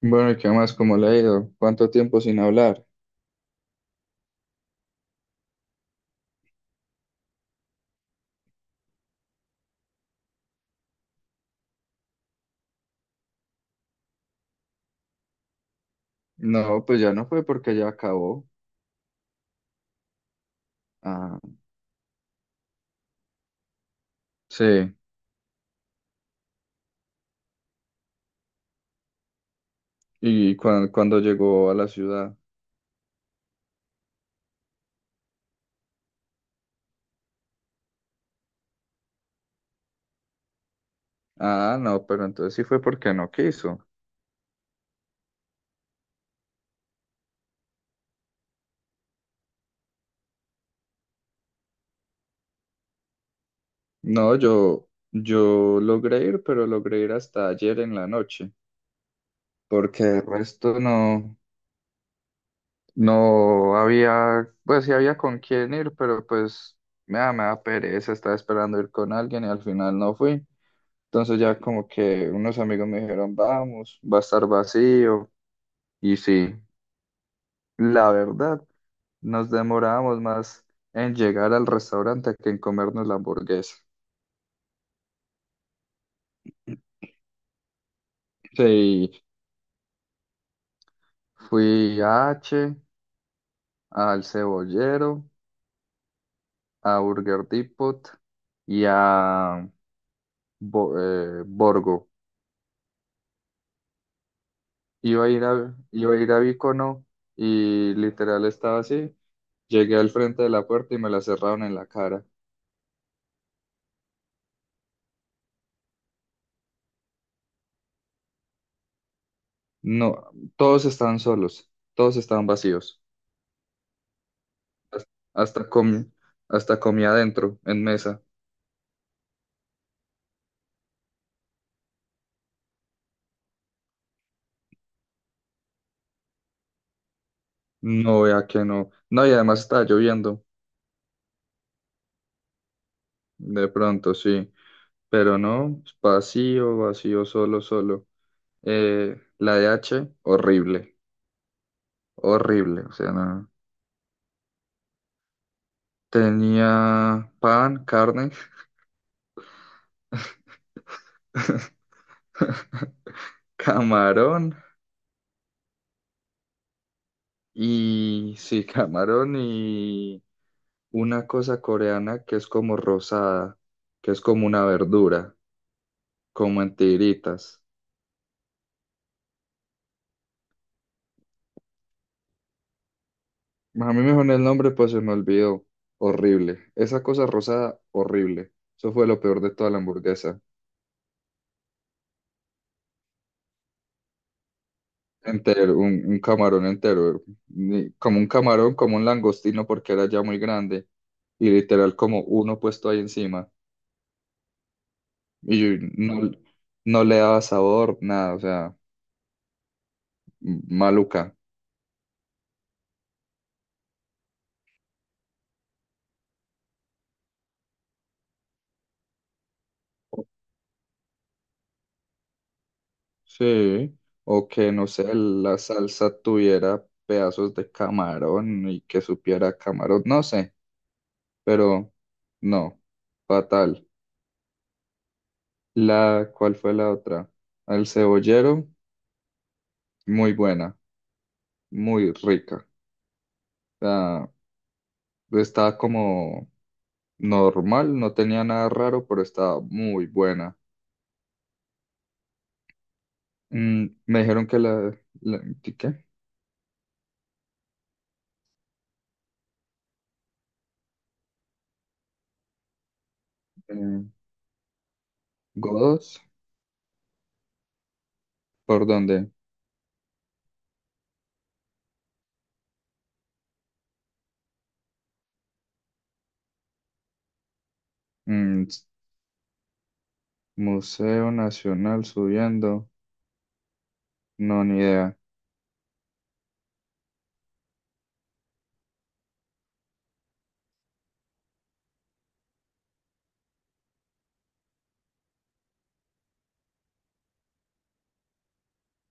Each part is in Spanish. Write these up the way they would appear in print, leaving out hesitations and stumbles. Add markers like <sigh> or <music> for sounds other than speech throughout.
Bueno, ¿y qué más? ¿Cómo le ha ido? ¿Cuánto tiempo sin hablar? No, pues ya no fue porque ya acabó. Ah, sí. ¿Y Cuando llegó a la ciudad? Ah, no, pero entonces sí fue porque no quiso. No, yo logré ir, pero logré ir hasta ayer en la noche, porque el resto no, no había, pues sí había con quién ir, pero pues me da pereza, estaba esperando ir con alguien y al final no fui. Entonces ya como que unos amigos me dijeron, vamos, va a estar vacío. Y sí, la verdad, nos demorábamos más en llegar al restaurante que en comernos la hamburguesa. Sí, fui a H, al Cebollero, a Burger Depot y a Borgo. Iba a ir a Vicono y literal estaba así. Llegué al frente de la puerta y me la cerraron en la cara. No, todos estaban solos, todos estaban vacíos. Hasta hasta comí, Hasta comí adentro, en mesa. No, vea que no. No, y además estaba lloviendo, de pronto, sí. Pero no, vacío, vacío, solo, solo. La de h horrible, horrible. O sea, no. Tenía pan, carne, <laughs> camarón y sí, camarón y una cosa coreana que es como rosada, que es como una verdura, como en tiritas. A mí me dijo el nombre, pues se me olvidó. Horrible. Esa cosa rosada, horrible. Eso fue lo peor de toda la hamburguesa. Entero, un camarón entero. Como un camarón, como un langostino, porque era ya muy grande. Y literal, como uno puesto ahí encima. Y yo no le daba sabor, nada, o sea, maluca. Sí, o que no sé, la salsa tuviera pedazos de camarón y que supiera camarón, no sé, pero no, fatal. ¿Cuál fue la otra? El cebollero, muy buena, muy rica. O sea, estaba como normal, no tenía nada raro, pero estaba muy buena. Me dijeron que ¿qué? Eh, Godos, ¿por dónde? Mm, Museo Nacional subiendo. No, ni idea.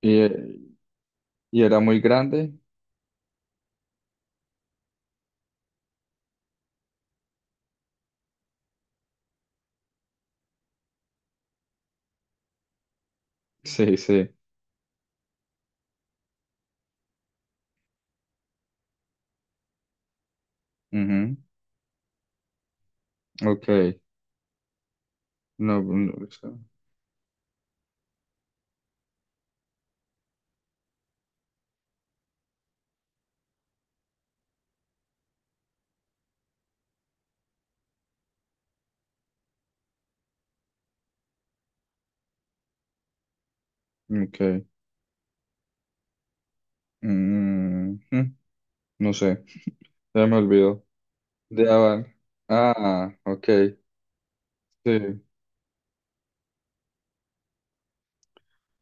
¿Y, eh, y era muy grande? Sí, sí. Ujú. Ok. No, no, o sea, ok. Mm, mm, no sé. Ya me olvidó. De Aval. Ah, ok. Sí.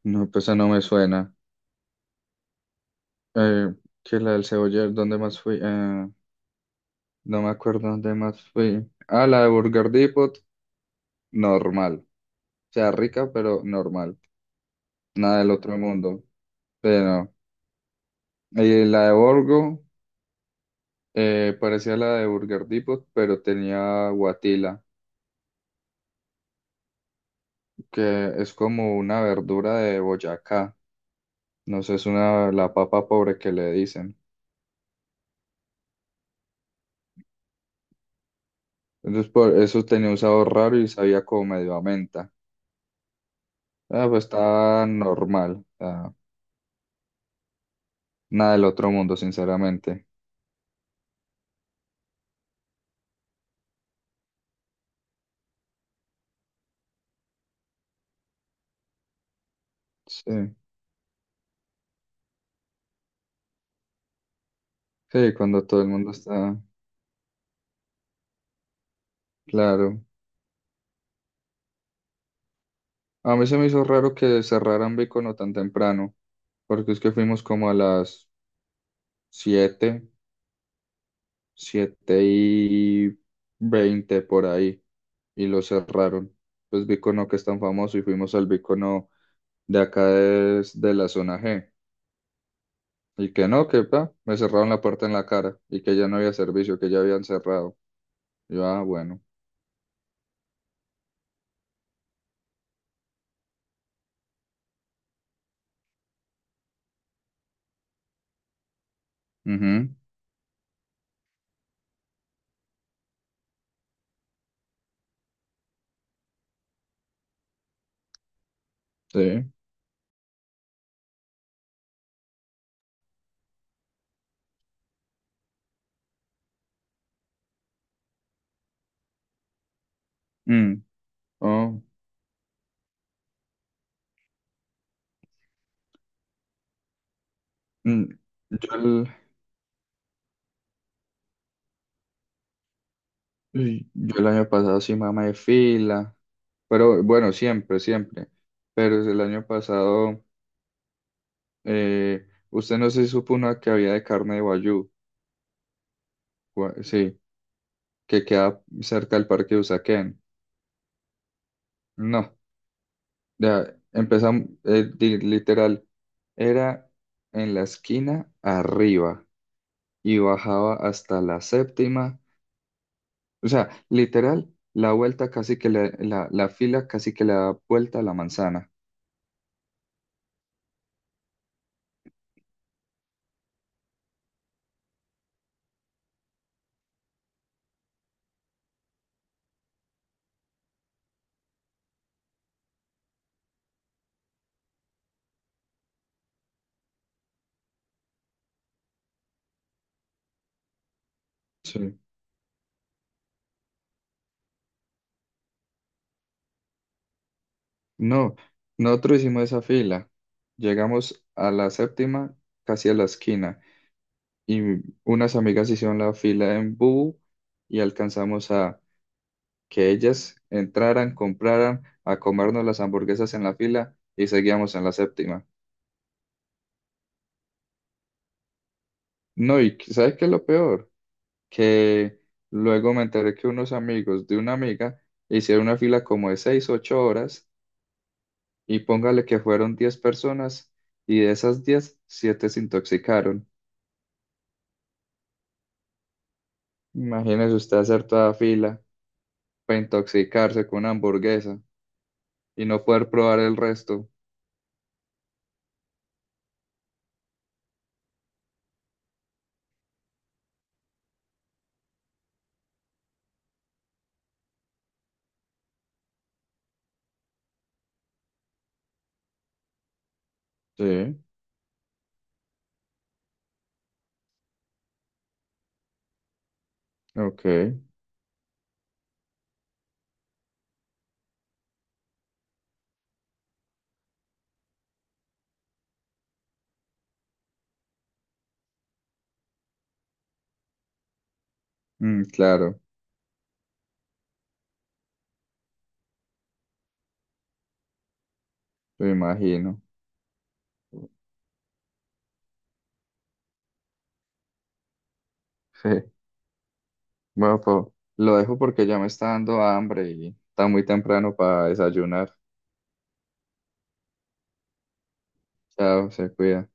No, pues esa no me suena. Eh, que la del Ceboller, ¿dónde más fui? No me acuerdo dónde más fui. Ah, la de Burger Depot. Normal. O sea, rica, pero normal. Nada del otro mundo. Pero. Y la de Borgo. Parecía la de Burger Depot, pero tenía guatila, que es como una verdura de Boyacá. No sé, es la papa pobre que le dicen. Entonces, por eso tenía un sabor raro y sabía como medio a menta. Ah, pues estaba normal. Ah, nada del otro mundo, sinceramente. Sí, sí, cuando todo el mundo está claro. A mí se me hizo raro que cerraran Bicono tan temprano, porque es que fuimos como a las 7, 7:20 por ahí y lo cerraron. Pues Bicono que es tan famoso y fuimos al Bicono de acá de la zona G. Y que no, que pa, me cerraron la puerta en la cara y que ya no había servicio, que ya habían cerrado. Yo, ah, bueno. Ujú, sí. Mm, oh, mm. Yo el, yo el año pasado sí mamá de fila, pero bueno, siempre, siempre. Pero el año pasado... Usted no se supo una que había de carne de Wagyu, sí, que queda cerca del parque de Usaquén. No, ya empezamos, literal, era en la esquina arriba y bajaba hasta la séptima. O sea, literal, la vuelta casi que la fila casi que le da vuelta a la manzana. Sí. No, nosotros hicimos esa fila. Llegamos a la séptima, casi a la esquina. Y unas amigas hicieron la fila en Bubu y alcanzamos a que ellas entraran, compraran, a comernos las hamburguesas en la fila y seguíamos en la séptima. No, ¿sabes qué es lo peor? Que luego me enteré que unos amigos de una amiga hicieron una fila como de 6, 8 horas y póngale que fueron 10 personas y de esas 10, 7 se intoxicaron. Imagínese usted hacer toda fila para intoxicarse con una hamburguesa y no poder probar el resto. Sí, ok. Claro, me imagino. <laughs> Sí. Bueno, lo dejo porque ya me está dando hambre y está muy temprano para desayunar. Chao, se cuida.